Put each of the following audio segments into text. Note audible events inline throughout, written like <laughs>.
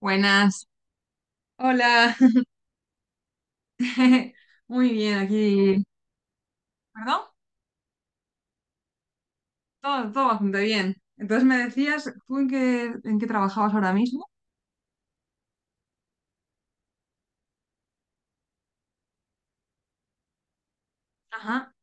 Buenas. Hola. <laughs> Muy bien, aquí. ¿Perdón? Todo bastante bien. Entonces me decías, ¿tú en qué trabajabas ahora mismo? Ajá.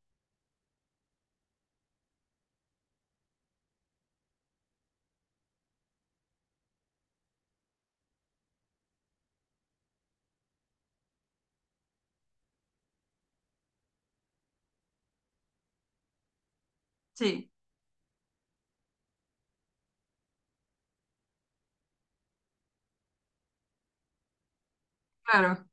Sí, claro.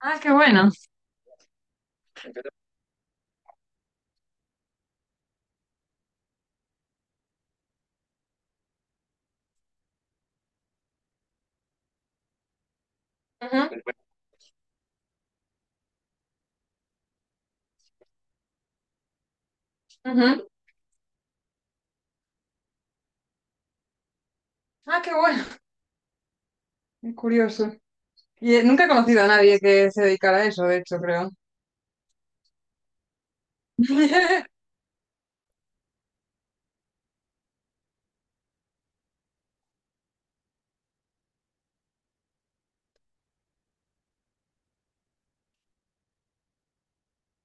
Ah, qué bueno. Ujú, ujú. Ah, qué bueno. Qué curioso. Y nunca he conocido a nadie que se dedicara a eso, de hecho, creo. <laughs>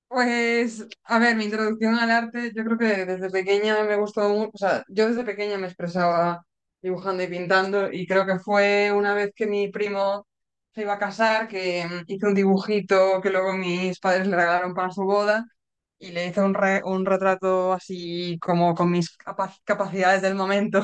Pues, a ver, mi introducción al arte, yo creo que desde pequeña me gustó mucho, o sea, yo desde pequeña me expresaba dibujando y pintando y creo que fue una vez que mi primo se iba a casar, que hizo un dibujito que luego mis padres le regalaron para su boda y le hice un retrato así como con mis capacidades del momento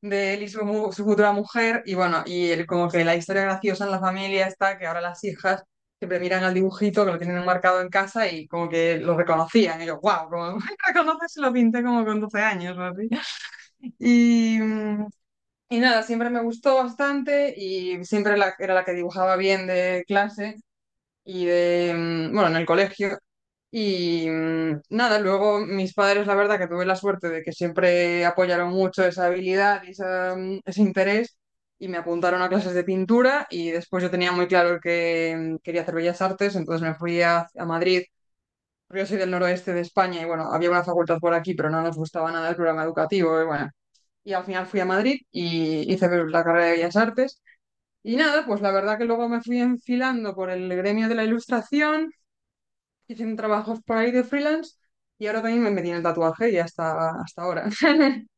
de él y su, su futura mujer, y bueno, y el, como que la historia graciosa en la familia está que ahora las hijas siempre miran al dibujito que lo tienen marcado en casa y como que lo reconocían, y yo, wow, como <laughs> reconoces, lo pinté como con 12 años o así. Y, y nada, siempre me gustó bastante y siempre era la que dibujaba bien de clase y de, bueno, en el colegio. Y nada, luego mis padres, la verdad que tuve la suerte de que siempre apoyaron mucho esa habilidad y esa, ese interés y me apuntaron a clases de pintura y después yo tenía muy claro que quería hacer bellas artes, entonces me fui a Madrid. Porque yo soy del noroeste de España y bueno, había una facultad por aquí, pero no nos gustaba nada el programa educativo y bueno, y al final fui a Madrid y hice la carrera de bellas artes. Y nada, pues la verdad que luego me fui enfilando por el gremio de la ilustración haciendo trabajos por ahí de freelance y ahora también me metí en el tatuaje y hasta ahora. <laughs>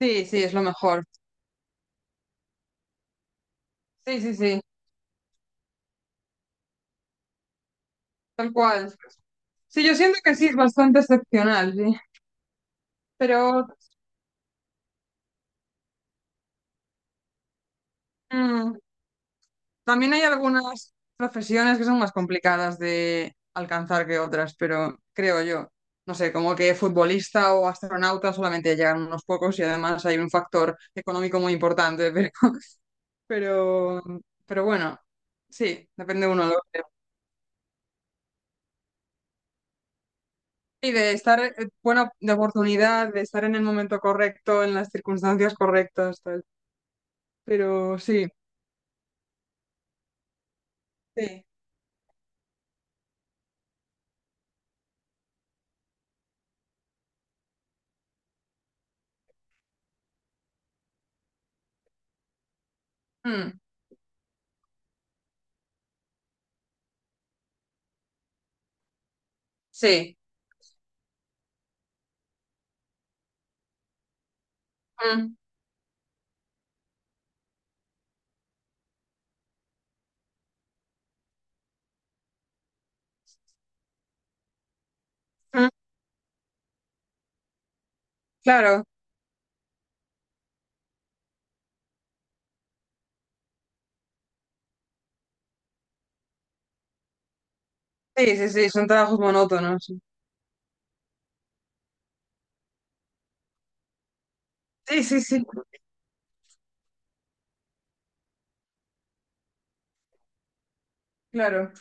Sí, sí, es lo mejor. Sí, sí, sí, tal cual. Sí, yo siento que sí, es bastante excepcional, sí. Pero mm, también hay algunas profesiones que son más complicadas de alcanzar que otras, pero creo yo. No sé, como que futbolista o astronauta solamente llegan unos pocos y además hay un factor económico muy importante, pero, <laughs> pero, pero bueno, sí, depende uno de uno. Y de estar, bueno, de oportunidad, de estar en el momento correcto, en las circunstancias correctas, tal. Pero sí. Sí. Mm, sí. Mm, mm, claro, sí, sí, sí, son trabajos monótonos. Sí, sí, sí, claro.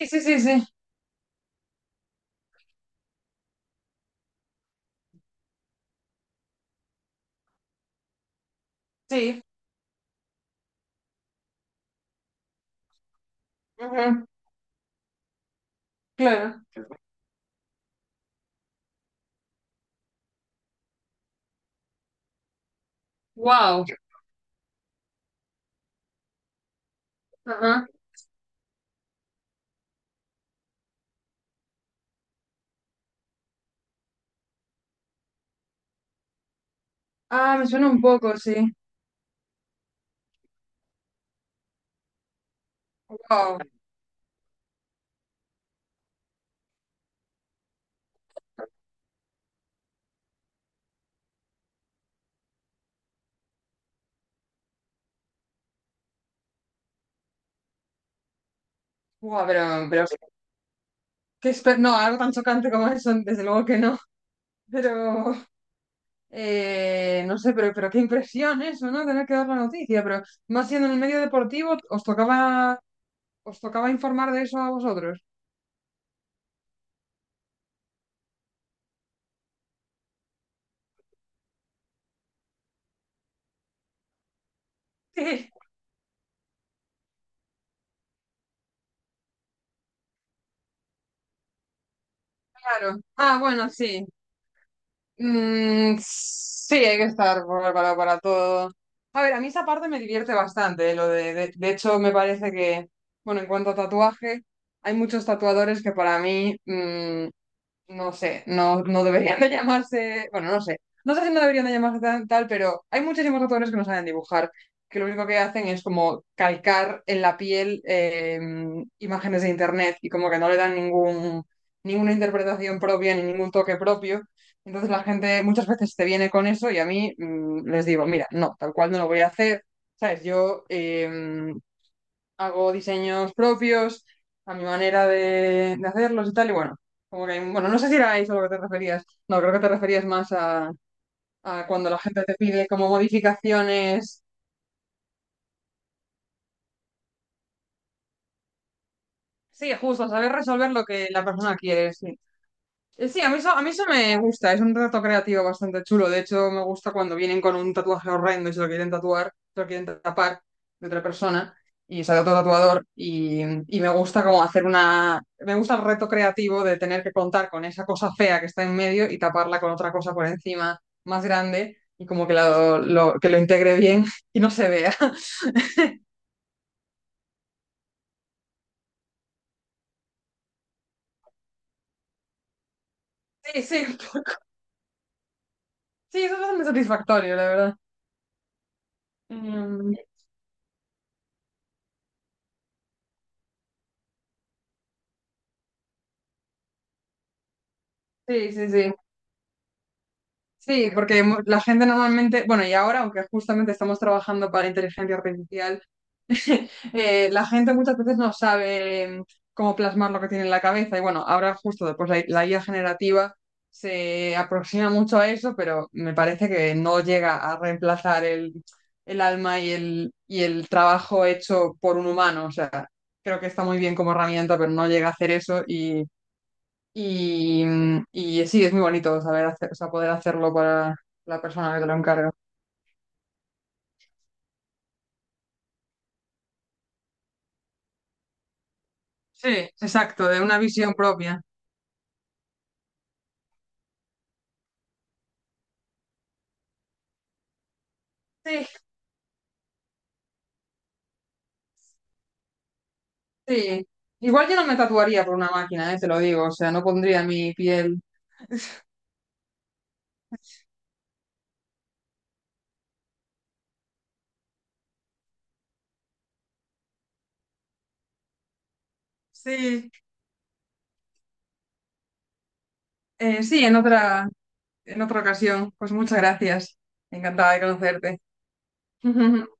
Sí, sí, sí, sí, sí. Ujú, claro. Wow. Ajá. Ah, me suena un poco, sí. Wow. Wow, pero... no, algo tan chocante como eso, desde luego que no. Pero... no sé, pero qué impresión eso, ¿no? Tener que dar la noticia, pero más siendo en el medio deportivo, os tocaba informar de eso a vosotros. <laughs> Sí. Claro. Ah, bueno, sí. Mm, sí, hay que estar preparado para todo. A ver, a mí esa parte me divierte bastante, lo de hecho me parece que, bueno, en cuanto a tatuaje, hay muchos tatuadores que para mí no sé, no deberían de llamarse, bueno, no sé, no sé si no deberían de llamarse tal, pero hay muchísimos autores que no saben dibujar, que lo único que hacen es como calcar en la piel imágenes de internet y como que no le dan ninguna interpretación propia ni ningún toque propio. Entonces la gente muchas veces te viene con eso y a mí les digo, mira, no, tal cual no lo voy a hacer. ¿Sabes? Yo, hago diseños propios, a mi manera de hacerlos y tal, y bueno, como que hay bueno, no sé si era eso a lo que te referías, no, creo que te referías más a cuando la gente te pide como modificaciones, sí, justo, saber resolver lo que la persona quiere, sí. Sí, a mí eso me gusta, es un reto creativo bastante chulo. De hecho, me gusta cuando vienen con un tatuaje horrendo y se lo quieren tapar de otra persona y sale otro tatuador. Y me gusta como hacer una. Me gusta el reto creativo de tener que contar con esa cosa fea que está en medio y taparla con otra cosa por encima más grande y como que, que lo integre bien y no se vea. <laughs> Sí, sí, sí, eso es bastante satisfactorio, la verdad. Mm, sí, sí, sí. Sí, porque la gente normalmente, bueno, y ahora, aunque justamente estamos trabajando para inteligencia artificial, <laughs> la gente muchas veces no sabe cómo plasmar lo que tiene en la cabeza. Y bueno, ahora justo después la IA generativa se aproxima mucho a eso, pero me parece que no llega a reemplazar el alma y el trabajo hecho por un humano. O sea, creo que está muy bien como herramienta, pero no llega a hacer eso y, y sí, es muy bonito saber hacer, o sea, poder hacerlo para la persona que te lo encarga. Sí, exacto, de una visión propia. Sí, sí. Igual yo no me tatuaría por una máquina, te lo digo, o sea, no pondría mi piel. Sí, sí, en otra ocasión. Pues muchas gracias. Encantada de conocerte. <laughs>